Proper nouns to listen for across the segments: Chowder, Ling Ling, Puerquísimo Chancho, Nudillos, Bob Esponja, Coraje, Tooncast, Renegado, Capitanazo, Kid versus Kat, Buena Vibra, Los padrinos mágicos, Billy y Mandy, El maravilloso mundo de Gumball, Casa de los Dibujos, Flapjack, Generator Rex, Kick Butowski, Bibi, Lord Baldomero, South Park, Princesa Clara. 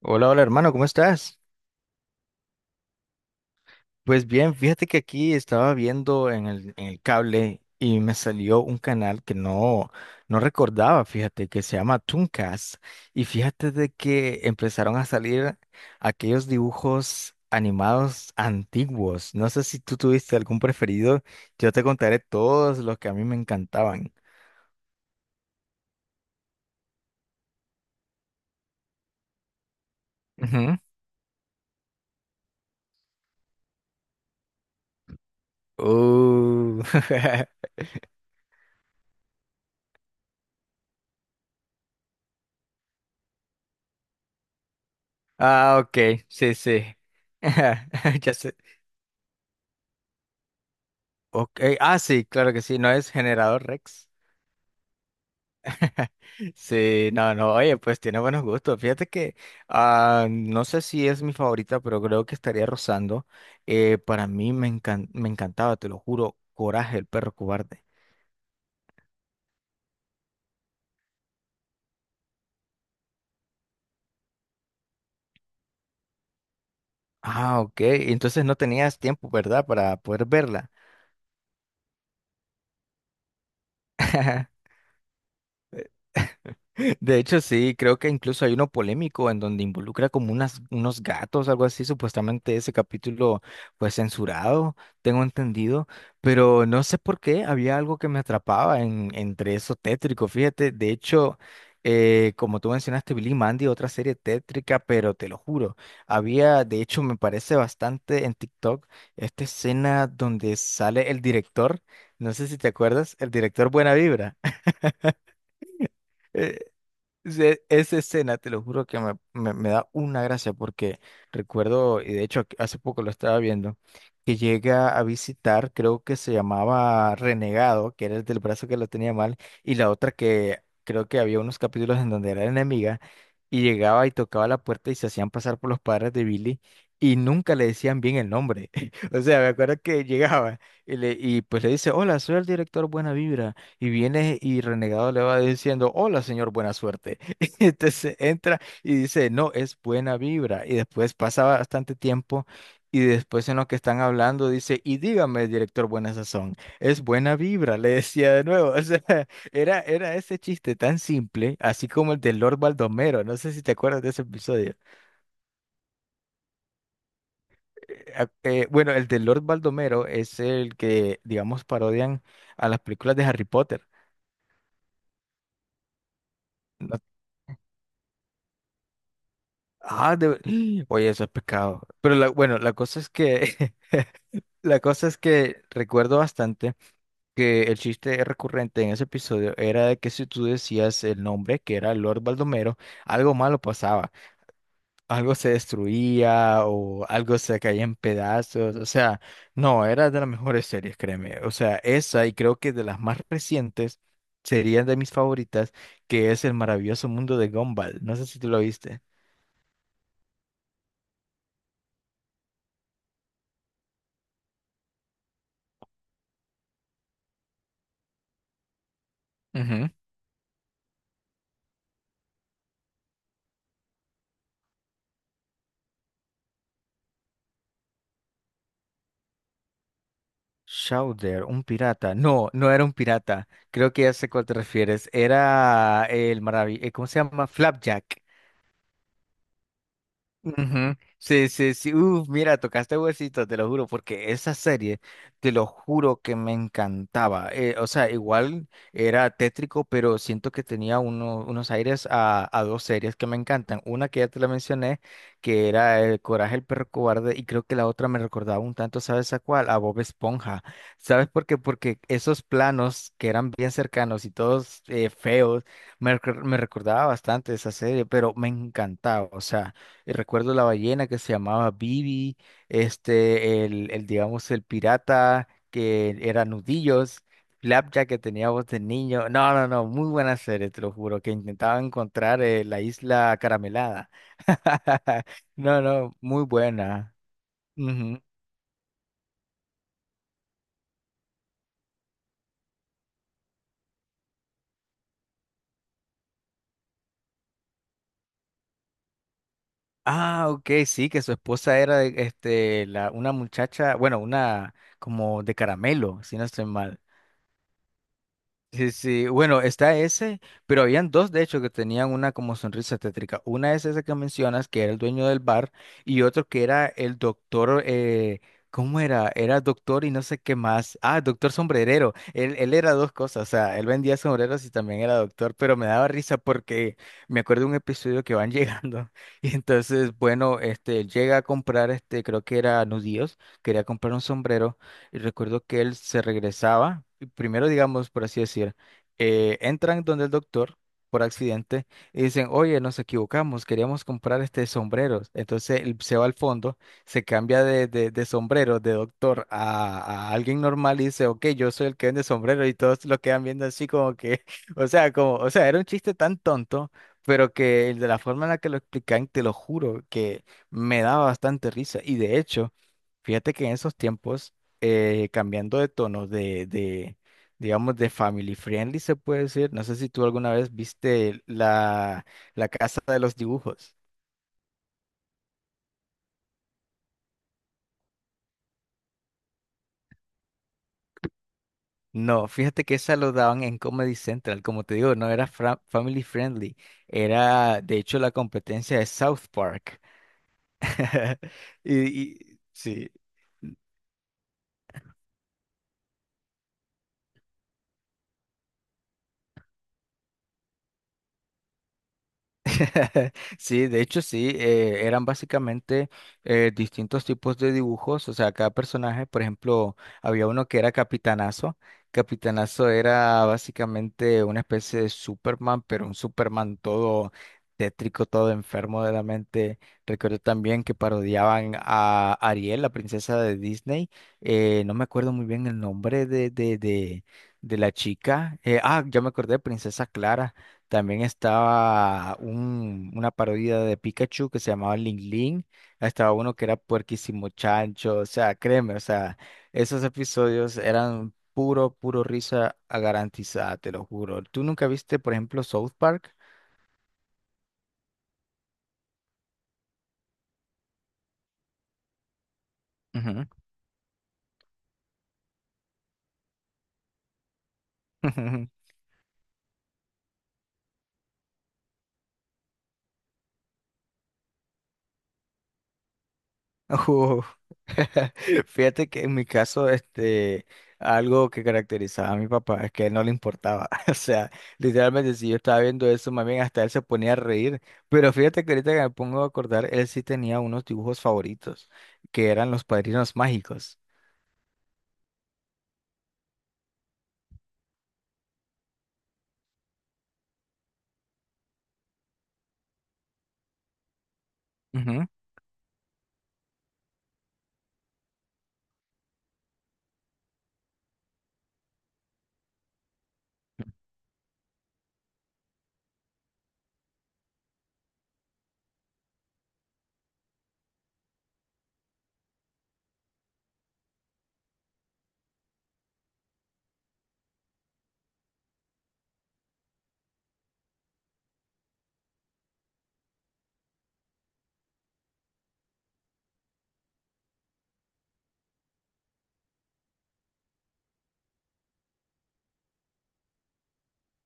Hola, hola hermano, ¿cómo estás? Pues bien, fíjate que aquí estaba viendo en el cable y me salió un canal que no recordaba, fíjate, que se llama Tooncast. Y fíjate de que empezaron a salir aquellos dibujos animados antiguos. No sé si tú tuviste algún preferido, yo te contaré todos los que a mí me encantaban. Ujú. Uh, Ah, ok, sí, sí. Ya sé. Okay. Ah, sí, claro que sí, no es generador Rex. Sí, no, no, oye, pues tiene buenos gustos. Fíjate que no sé si es mi favorita, pero creo que estaría rozando. Para mí me encantaba, te lo juro, Coraje, el perro cobarde. Ah, ok, entonces no tenías tiempo, ¿verdad? Para poder verla. De hecho, sí, creo que incluso hay uno polémico en donde involucra como unos gatos, algo así, supuestamente ese capítulo fue censurado, tengo entendido, pero no sé por qué había algo que me atrapaba entre eso tétrico, fíjate, de hecho, como tú mencionaste, Billy y Mandy, otra serie tétrica, pero te lo juro, había, de hecho, me parece bastante en TikTok esta escena donde sale el director, no sé si te acuerdas, el director Buena Vibra. Esa escena, te lo juro que me da una gracia porque recuerdo, y de hecho hace poco lo estaba viendo, que llega a visitar, creo que se llamaba Renegado, que era el del brazo que lo tenía mal, y la otra que creo que había unos capítulos en donde era enemiga, y llegaba y tocaba la puerta y se hacían pasar por los padres de Billy, y nunca le decían bien el nombre. O sea, me acuerdo que llegaba y pues le dice, hola, soy el director Buena Vibra. Y viene y Renegado le va diciendo, hola señor, buena suerte. Entonces entra y dice, no, es buena vibra. Y después pasa bastante tiempo y después en lo que están hablando dice, y dígame, director, buena sazón, es buena vibra, le decía de nuevo. O sea, era ese chiste tan simple, así como el de Lord Baldomero. No sé si te acuerdas de ese episodio. Bueno, el de Lord Baldomero es el que, digamos, parodian a las películas de Harry Potter. No. Ah, Oye, eso es pecado. Pero bueno, la cosa es que la cosa es que recuerdo bastante que el chiste recurrente en ese episodio era de que si tú decías el nombre, que era Lord Baldomero, algo malo pasaba, algo se destruía o algo se caía en pedazos. O sea, no, era de las mejores series, créeme. O sea, esa y creo que de las más recientes serían de mis favoritas, que es El maravilloso mundo de Gumball. No sé si tú lo viste. Chowder, un pirata. No, no era un pirata. Creo que ya sé cuál te refieres. Era el maravilloso. ¿Cómo se llama? Flapjack. Ujú. Sí, sí, sí. Uf, mira, tocaste huesito, te lo juro, porque esa serie, te lo juro que me encantaba. O sea, igual era tétrico, pero siento que tenía unos aires a dos series que me encantan. Una que ya te la mencioné, que era El Coraje, el perro cobarde, y creo que la otra me recordaba un tanto, ¿sabes a cuál? A Bob Esponja. ¿Sabes por qué? Porque esos planos que eran bien cercanos y todos feos, me recordaba bastante esa serie, pero me encantaba, o sea recuerdo la ballena que se llamaba Bibi, este, digamos, el pirata que era Nudillos, Flapjack que tenía voz de niño. No, no, no, muy buena serie, te lo juro, que intentaba encontrar la isla caramelada. No, no, muy buena. Ujú. Ah, ok, sí, que su esposa era este, una muchacha, bueno, una como de caramelo, si no estoy mal. Sí, sí, bueno, está ese, pero habían dos de hecho que tenían una como sonrisa tétrica. Una es esa que mencionas, que era el dueño del bar, y otro que era el doctor, ¿cómo era? Era doctor y no sé qué más. Ah, doctor sombrerero. Él era dos cosas, o sea, él vendía sombreros y también era doctor, pero me daba risa porque me acuerdo de un episodio que van llegando. Y entonces, bueno, este, llega a comprar, este, creo que era nudillos, quería comprar un sombrero, y recuerdo que él se regresaba primero digamos, por así decir, entran donde el doctor por accidente y dicen, oye, nos equivocamos, queríamos comprar este sombrero. Entonces él se va al fondo, se cambia de sombrero de doctor a alguien normal y dice, ok, yo soy el que vende sombrero y todos lo quedan viendo así como que, o sea, como, o sea, era un chiste tan tonto. Pero que el de la forma en la que lo explican, te lo juro, que me daba bastante risa. Y de hecho, fíjate que en esos tiempos cambiando de tono digamos, de family friendly, se puede decir. No sé si tú alguna vez viste la Casa de los Dibujos. No, fíjate que esa lo daban en Comedy Central. Como te digo, no era family friendly. Era, de hecho, la competencia de South Park. Y sí. Sí, de hecho sí, eran básicamente distintos tipos de dibujos, o sea, cada personaje, por ejemplo, había uno que era Capitanazo, Capitanazo era básicamente una especie de Superman, pero un Superman todo tétrico, todo enfermo de la mente. Recuerdo también que parodiaban a Ariel, la princesa de Disney, no me acuerdo muy bien el nombre de la chica, ya me acordé, Princesa Clara. También estaba una parodia de Pikachu que se llamaba Ling Ling. Estaba uno que era Puerquísimo Chancho. O sea, créeme, o sea, esos episodios eran puro risa garantizada, te lo juro. ¿Tú nunca viste, por ejemplo, South Park? Ujú. Uh, Fíjate que en mi caso, este, algo que caracterizaba a mi papá es que no le importaba. O sea, literalmente si yo estaba viendo eso, más bien hasta él se ponía a reír. Pero fíjate que ahorita que me pongo a acordar, él sí tenía unos dibujos favoritos, que eran los padrinos mágicos. Ujú,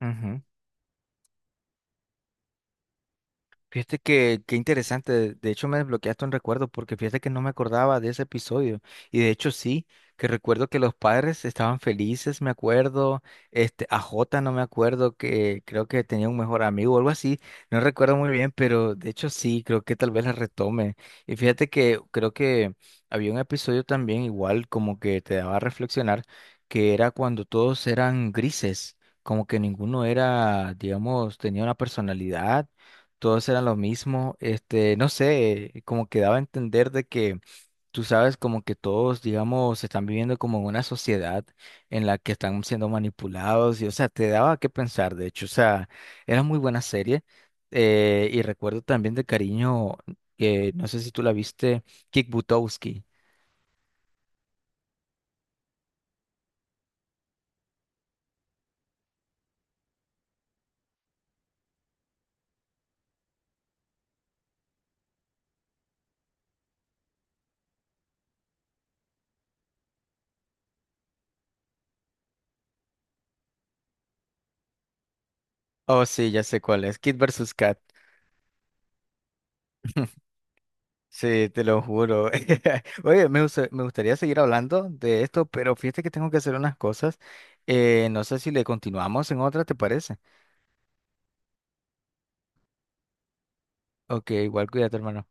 ujú. Fíjate que, qué interesante, de hecho me desbloqueaste un recuerdo porque fíjate que no me acordaba de ese episodio y de hecho sí, que recuerdo que los padres estaban felices, me acuerdo, este, a Jota no me acuerdo que creo que tenía un mejor amigo o algo así, no recuerdo muy bien, pero de hecho sí, creo que tal vez la retome y fíjate que creo que había un episodio también igual como que te daba a reflexionar que era cuando todos eran grises, como que ninguno era, digamos, tenía una personalidad, todos eran los mismos, este, no sé, como que daba a entender de que tú sabes como que todos, digamos, están viviendo como en una sociedad en la que están siendo manipulados y, o sea, te daba que pensar, de hecho, o sea, era muy buena serie y recuerdo también de cariño, no sé si tú la viste, Kick Butowski. Oh, sí, ya sé cuál es, Kid versus Kat. Sí, te lo juro. Oye, me gustaría seguir hablando de esto, pero fíjate que tengo que hacer unas cosas. No sé si le continuamos en otra, ¿te parece? Ok, igual cuídate, hermano.